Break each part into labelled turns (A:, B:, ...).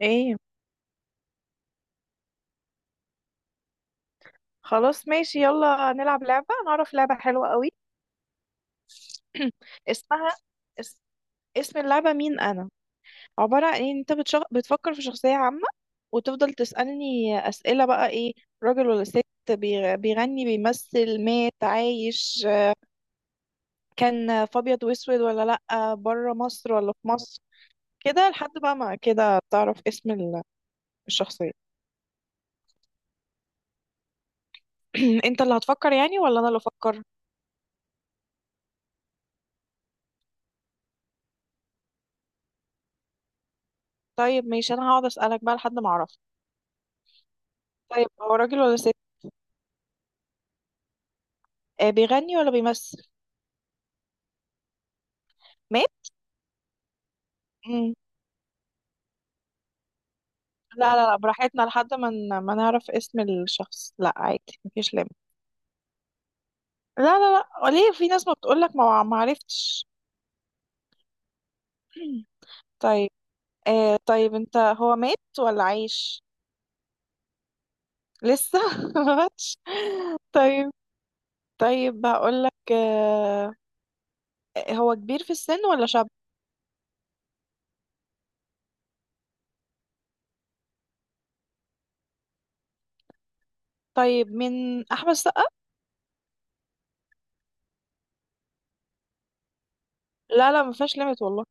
A: ايه. خلاص ماشي، يلا نلعب لعبة، انا اعرف لعبة حلوة قوي. اسمها اس... اسم اللعبة، مين انا. عبارة عن ان انت بتفكر في شخصية عامة، وتفضل تسألني اسئلة، بقى ايه؟ راجل ولا ست؟ بيغني، بيمثل، مات، عايش، كان في ابيض واسود ولا لأ، بره مصر ولا في مصر. كده لحد بقى ما كده تعرف اسم الشخصية. انت اللي هتفكر يعني ولا انا اللي افكر؟ طيب ماشي، انا هقعد اسألك بقى لحد ما اعرف. طيب، هو راجل ولا ست؟ بيغني ولا بيمثل؟ مات؟ مم. لا لا لا، براحتنا لحد ما ما نعرف اسم الشخص، لا عادي مفيش لم. لا لا لا، ليه في ناس ما بتقولك ما عرفتش؟ طيب. آه طيب، انت هو مات ولا عايش؟ لسه ما ماتش. طيب. طيب هقولك، آه، هو كبير في السن ولا شاب؟ طيب، من احمد السقا؟ لا لا ما فيهاش ليميت والله.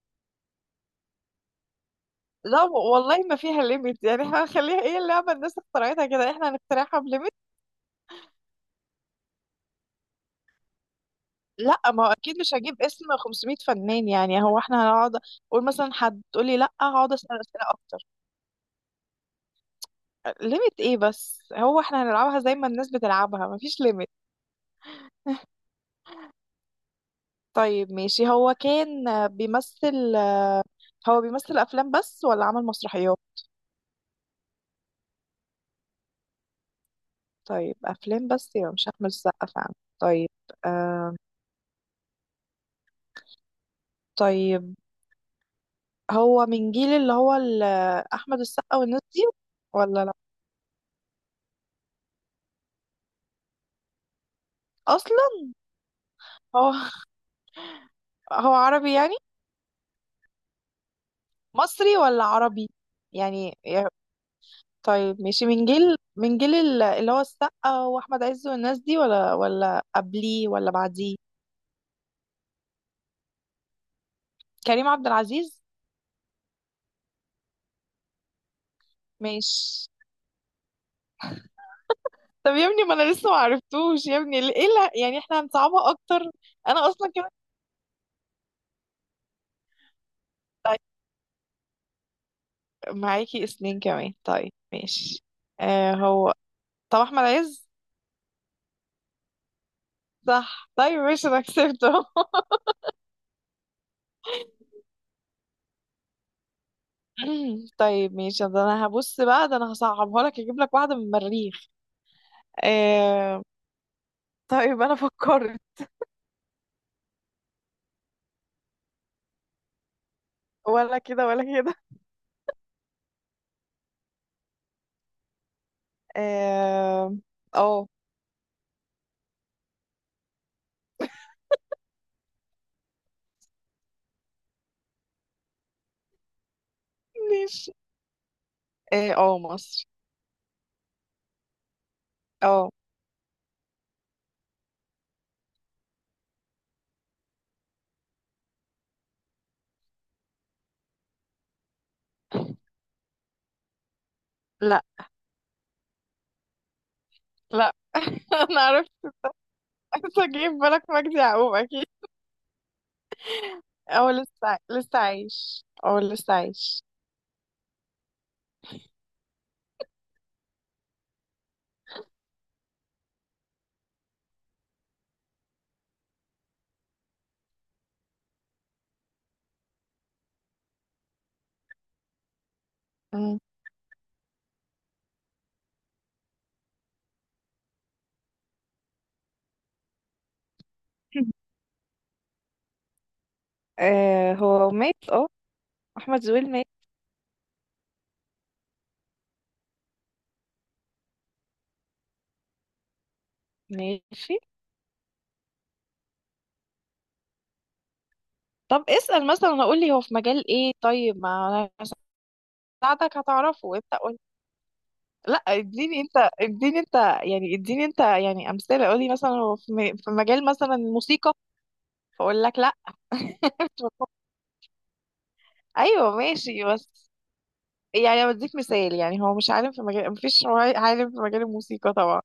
A: لا والله ما فيها ليميت، يعني احنا هنخليها ايه؟ اللعبه الناس اخترعتها كده، احنا هنخترعها بليميت؟ لا ما هو اكيد مش هجيب اسم 500 فنان، يعني هو احنا هنقعد اقول مثلا حد تقول لي لا، هقعد اسال اسئله اكتر. ليميت ايه بس؟ هو احنا هنلعبها زي ما الناس بتلعبها، مفيش ليميت. طيب ماشي، هو كان بيمثل. هو بيمثل افلام بس ولا عمل مسرحيات؟ طيب افلام بس، يبقى مش احمد السقا فعلا. طيب، آه، طيب، هو من جيل اللي هو احمد السقا والناس دي؟ ولا لا اصلا. هو هو عربي يعني، مصري ولا عربي يعني؟ طيب ماشي، من جيل اللي هو السقا واحمد عز والناس دي، ولا قبليه ولا بعديه؟ كريم عبد العزيز؟ ماشي. طب يا ابني ما انا لسه ما عرفتوش، يا ابني ايه اللي يعني احنا هنصعبها اكتر؟ انا اصلا كمان. طيب، معاكي اتنين كمان، طيب ماشي. آه هو، طب احمد عز؟ صح، طيب ماشي، انا كسبته طيب ماشي، ده انا هبص بقى، ده انا هصعبها لك، اجيب لك واحده من المريخ. آه طيب انا فكرت. ولا كده ولا كده. اه، آه، ماشي. اه، مصر. اه. لا. لا انا عرفت، اجيب بالك مجدي يعقوب اكيد. اه لسه، لسه عايش، اه لسه عايش. مم. آه هو مات، اه، احمد زويل مات. ماشي. طب اسأل مثلا، اقول لي هو في مجال ايه؟ طيب ما انا ساعدك هتعرفه، انت قول. لا اديني انت، اديني انت. يعني اديني انت، يعني امثله، قول لي مثلا هو في مجال مثلا الموسيقى، فاقول لك لا. ايوه ماشي، بس يعني انا بديك مثال، يعني هو مش عالم في مجال مفيش، هو عالم في مجال الموسيقى طبعا،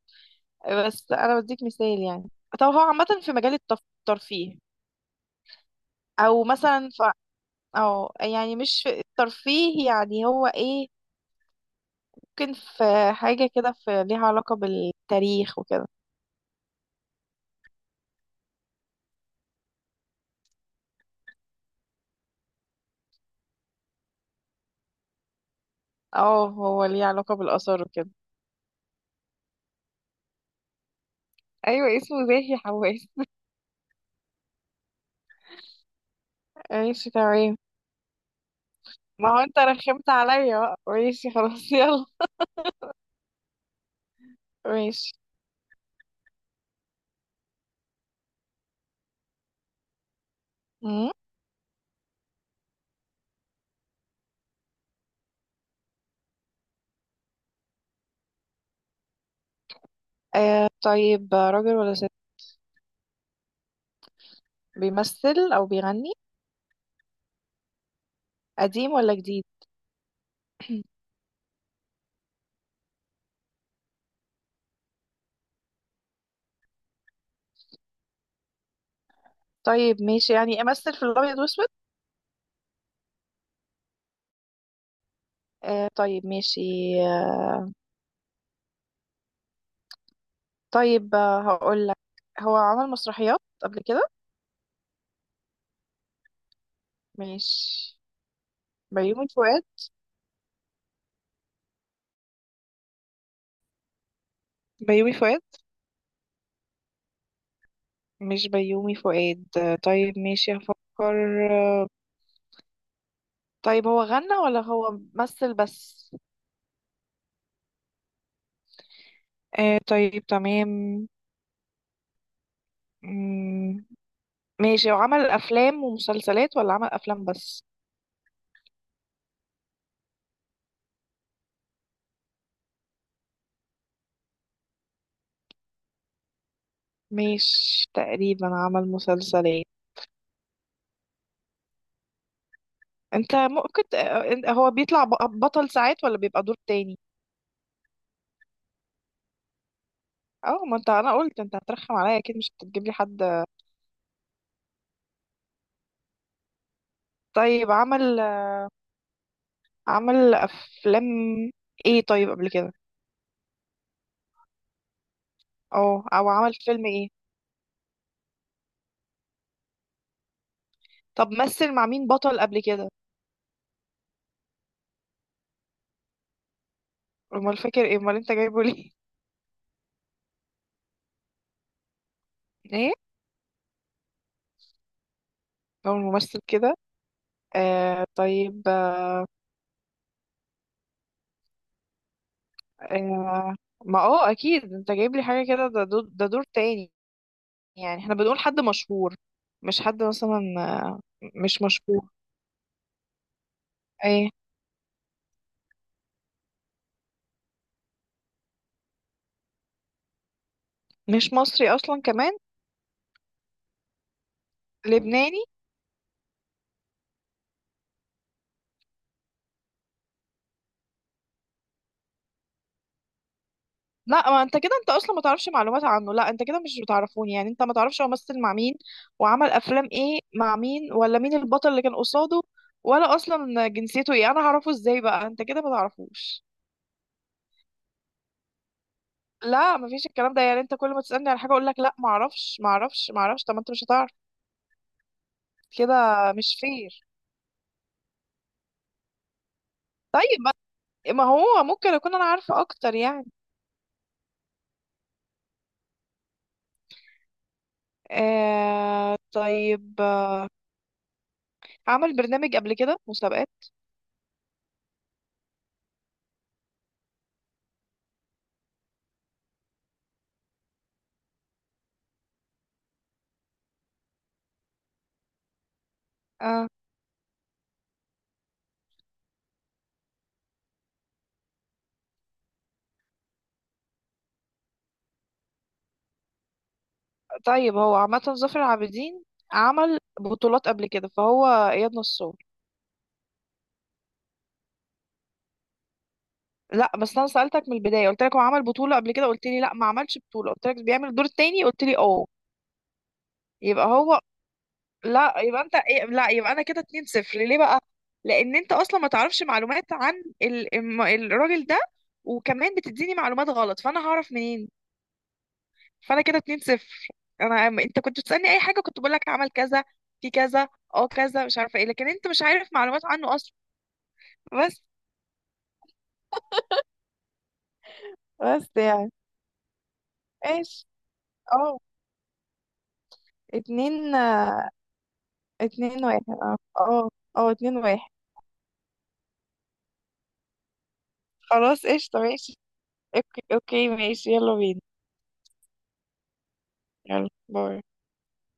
A: بس انا بديك مثال يعني. طب هو عامة في مجال الترفيه، او مثلا او يعني مش في الترفيه، يعني هو ايه؟ ممكن في حاجة كده في ليها علاقة بالتاريخ وكده. اه هو ليه علاقة بالآثار وكده. ايوه اسمه زاهي حواس. ماشي تمام. ما هو انت رخمت عليا بقى، ماشي خلاص يلا. ماشي. مم. آه طيب، راجل ولا ست؟ بيمثل او بيغني؟ قديم ولا جديد؟ طيب ماشي، يعني امثل في الابيض واسود؟ آه طيب ماشي. آه طيب، آه هقول لك، هو عمل مسرحيات قبل كده؟ ماشي. بيومي فؤاد. بيومي فؤاد. مش بيومي فؤاد؟ آه طيب ماشي، هفكر، آه. طيب هو غنى ولا هو مثل بس؟ آه طيب تمام. مم، ماشي، هو عمل افلام ومسلسلات ولا عمل افلام بس؟ مش تقريبا عمل مسلسلات؟ انت ممكن ت- انت- هو بيطلع بطل ساعات ولا بيبقى دور تاني؟ اه، ما انت انا قلت انت هترخم عليا اكيد مش هتجيب لي حد. طيب، عمل افلام ايه طيب قبل كده؟ اه، او عمل فيلم ايه؟ طب مثل مع مين بطل قبل كده؟ امال فاكر ايه، امال انت جايبه ليه؟ ايه، هو ممثل كده. آه طيب آه. ما اه اكيد انت جايب لي حاجه كده، ده دور، ده دور تاني. يعني احنا بنقول حد مشهور، مش حد مثلا مش مشهور. ايه؟ مش مصري اصلا كمان؟ لبناني؟ لا ما انت كده، انت اصلا ما تعرفش معلومات عنه، لا انت كده مش بتعرفوني، يعني انت ما تعرفش هو مثل مع مين، وعمل افلام ايه مع مين، ولا مين البطل اللي كان قصاده، ولا اصلا جنسيته ايه، انا هعرفه ازاي بقى؟ انت كده ما تعرفوش. لا ما فيش الكلام ده، يعني انت كل ما تسالني على حاجه اقول لك لا ما اعرفش ما اعرفش ما اعرفش، طب ما انت مش هتعرف. كده مش فير. طيب ما هو ممكن اكون انا عارفه اكتر يعني. آه طيب، عمل برنامج قبل كده، مسابقات؟ آه، طيب هو عامة ظافر العابدين عمل بطولات قبل كده، فهو اياد نصار. لا بس انا سألتك من البداية، قلت لك هو عمل بطولة قبل كده، قلت لي لا ما عملش بطولة، قلت لك بيعمل الدور التاني، قلت لي اه. يبقى هو. لا يبقى انت إيه؟ لا يبقى انا كده 2-0 ليه بقى؟ لان انت اصلا ما تعرفش معلومات عن الراجل ده، وكمان بتديني معلومات غلط، فانا هعرف منين؟ فانا كده 2-0. انا انت كنت بتسألني اي حاجة كنت بقول لك عمل كذا في كذا، اه كذا مش عارفة ايه، لكن انت مش عارف معلومات عنه اصلا. بس، بس يعني، ماشي، اه، اتنين، اتنين واحد، اه اه، اه اتنين واحد. خلاص قشطة، ماشي، اوكي اوكي، ماشي يلا بينا. يلا باي.